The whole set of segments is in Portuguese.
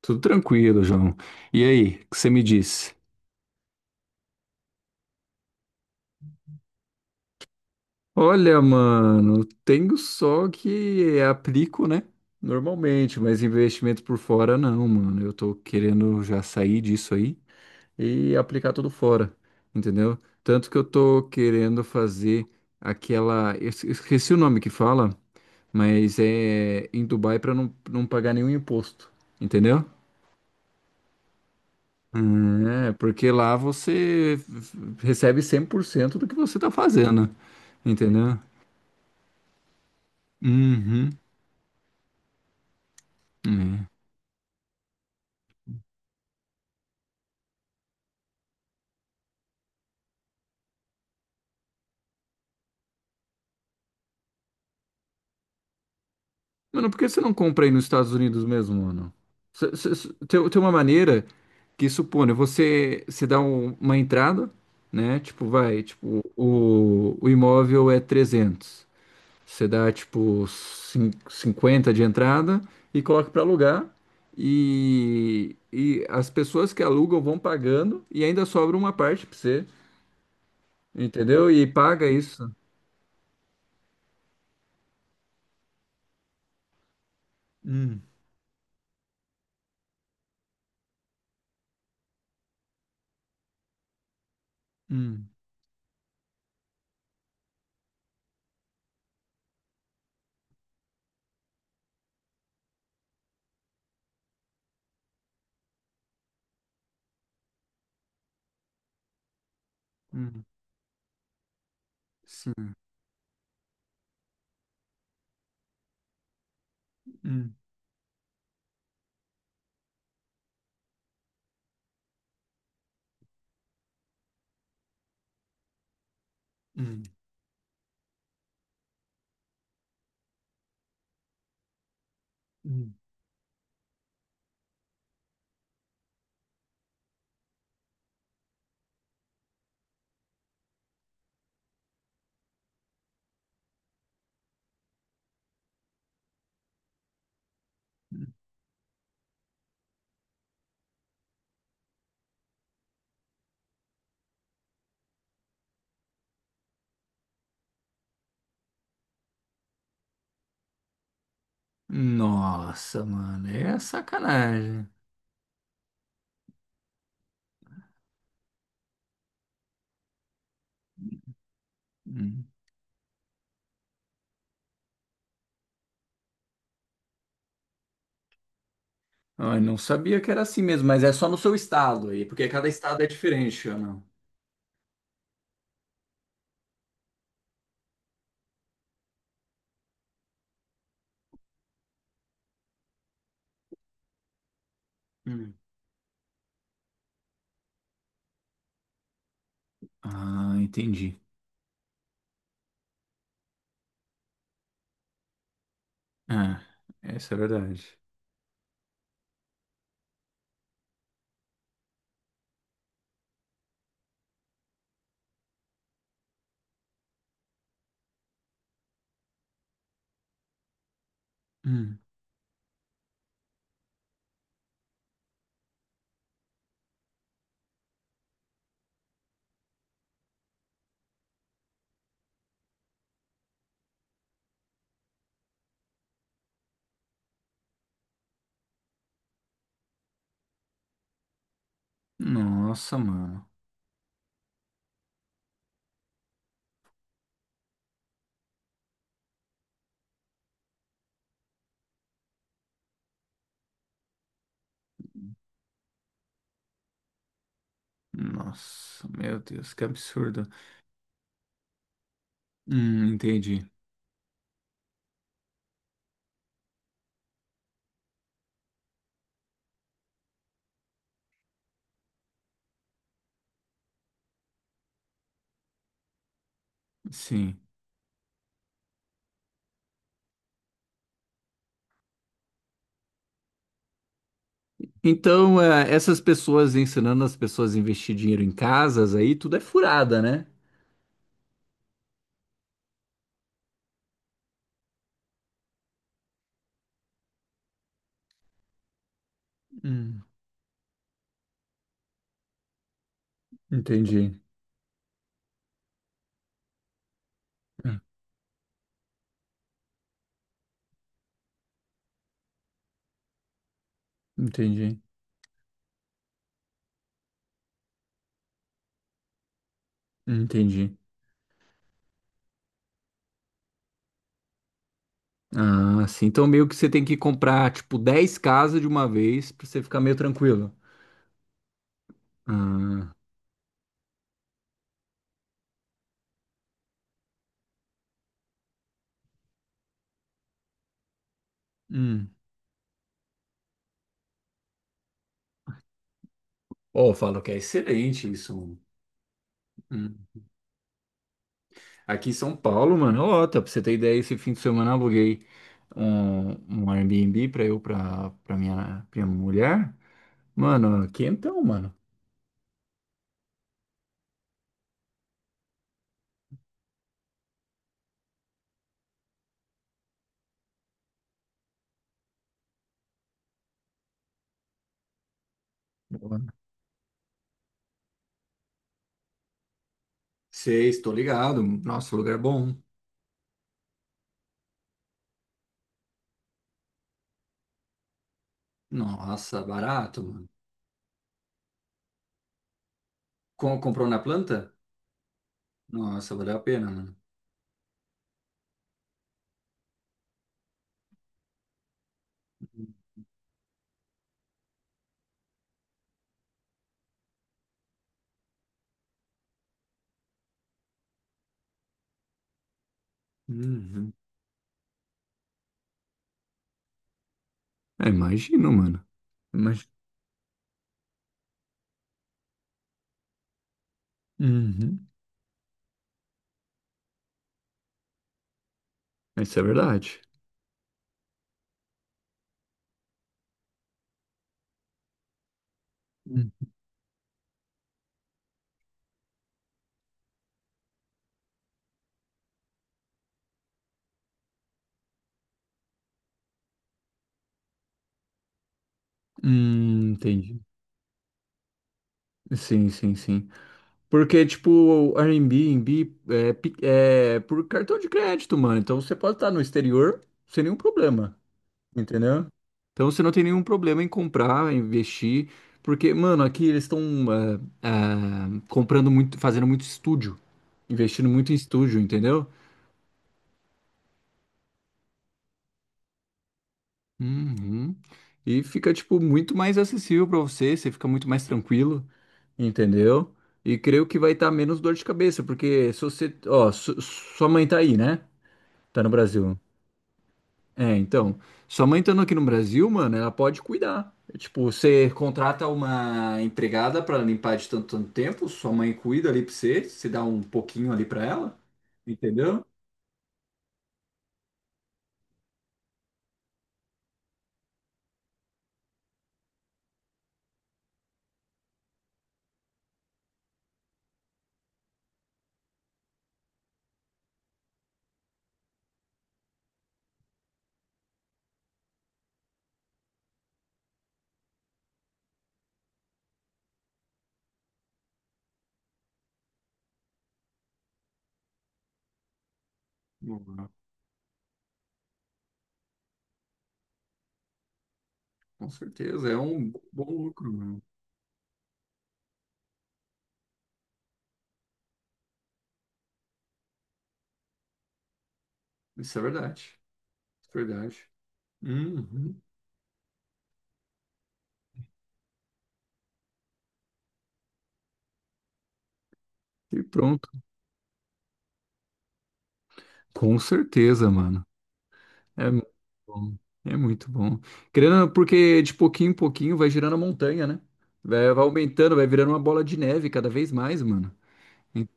Tudo tranquilo, João. E aí, o que você me disse? Olha, mano, tenho só que aplico, né? Normalmente, mas investimento por fora não, mano. Eu tô querendo já sair disso aí e aplicar tudo fora, entendeu? Tanto que eu tô querendo fazer aquela. Esqueci o nome que fala, mas é em Dubai pra não pagar nenhum imposto, entendeu? É, porque lá você recebe 100% do que você tá fazendo, entendeu? Uhum. Mano, por que você não compra aí nos Estados Unidos mesmo, mano? Tem uma maneira que supõe, você dá uma entrada, né? Tipo, vai, tipo, o imóvel é 300. Você dá tipo 50 de entrada e coloca para alugar. E as pessoas que alugam vão pagando e ainda sobra uma parte para você, entendeu? E paga isso. Hum, hum, hum, sim. Hum, hum, hum. Nossa, mano, é sacanagem. Hum. Ah, eu não sabia que era assim mesmo, mas é só no seu estado aí, porque cada estado é diferente, ou não? Hum. Ah, entendi. Ah, essa é a verdade. Nossa, mano. Nossa, meu Deus, que absurdo. Entendi. Sim. Então, é, essas pessoas ensinando as pessoas a investir dinheiro em casas aí, tudo é furada, né? Hum, entendi. Hum, Entendi. Entendi. Ah, sim. Então, meio que você tem que comprar, tipo, 10 casas de uma vez pra você ficar meio tranquilo. Ah, hum. Oh, eu falo que é excelente isso, mano. Hum. Aqui em São Paulo, mano, ó, tá, pra você ter ideia, esse fim de semana eu aluguei um, um Airbnb pra pra minha mulher. Mano, aqui então, mano. Boa. Sei, estou ligado. Nossa, lugar bom. Nossa, barato, mano. Comprou na planta? Nossa, valeu a pena, mano. Uhum. É, imagino, mano. Imagino. Uhum. Isso é verdade. Hum, entendi. Sim, sim, sim. Porque, tipo, o Airbnb é por cartão de crédito, mano. Então você pode estar no exterior sem nenhum problema, entendeu? Então você não tem nenhum problema em comprar, investir. Porque, mano, aqui eles estão comprando muito, fazendo muito estúdio, investindo muito em estúdio, entendeu? Uhum. E fica, tipo, muito mais acessível pra você, você fica muito mais tranquilo, entendeu? E creio que vai estar menos dor de cabeça, porque se você. Ó, sua mãe tá aí, né? Tá no Brasil. É, então. Sua mãe estando aqui no Brasil, mano, ela pode cuidar. É, tipo, você contrata uma empregada pra limpar de tanto, tanto tempo, sua mãe cuida ali pra você, você dá um pouquinho ali pra ela, entendeu? Uhum. Com certeza, é um bom lucro, mano. Isso é verdade. Isso é verdade. Uhum. E pronto. Com certeza, mano. É muito bom. É muito bom. Querendo, ou não, porque de pouquinho em pouquinho vai girando a montanha, né? Vai, vai aumentando, vai virando uma bola de neve cada vez mais, mano. E-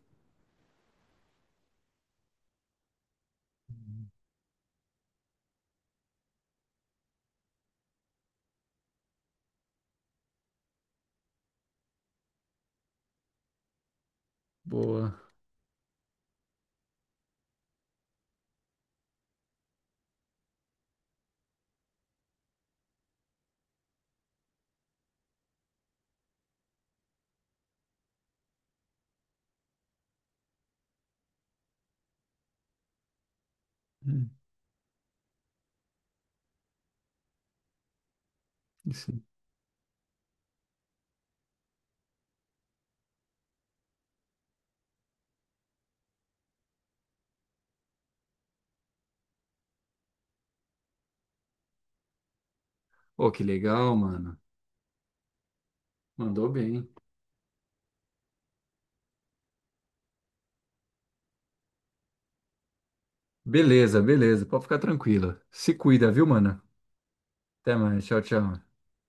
Boa. Hum, Isso. Oh, que legal, mano. Mandou bem. Beleza, beleza. Pode ficar tranquila. Se cuida, viu, mano? Até mais. Tchau, tchau.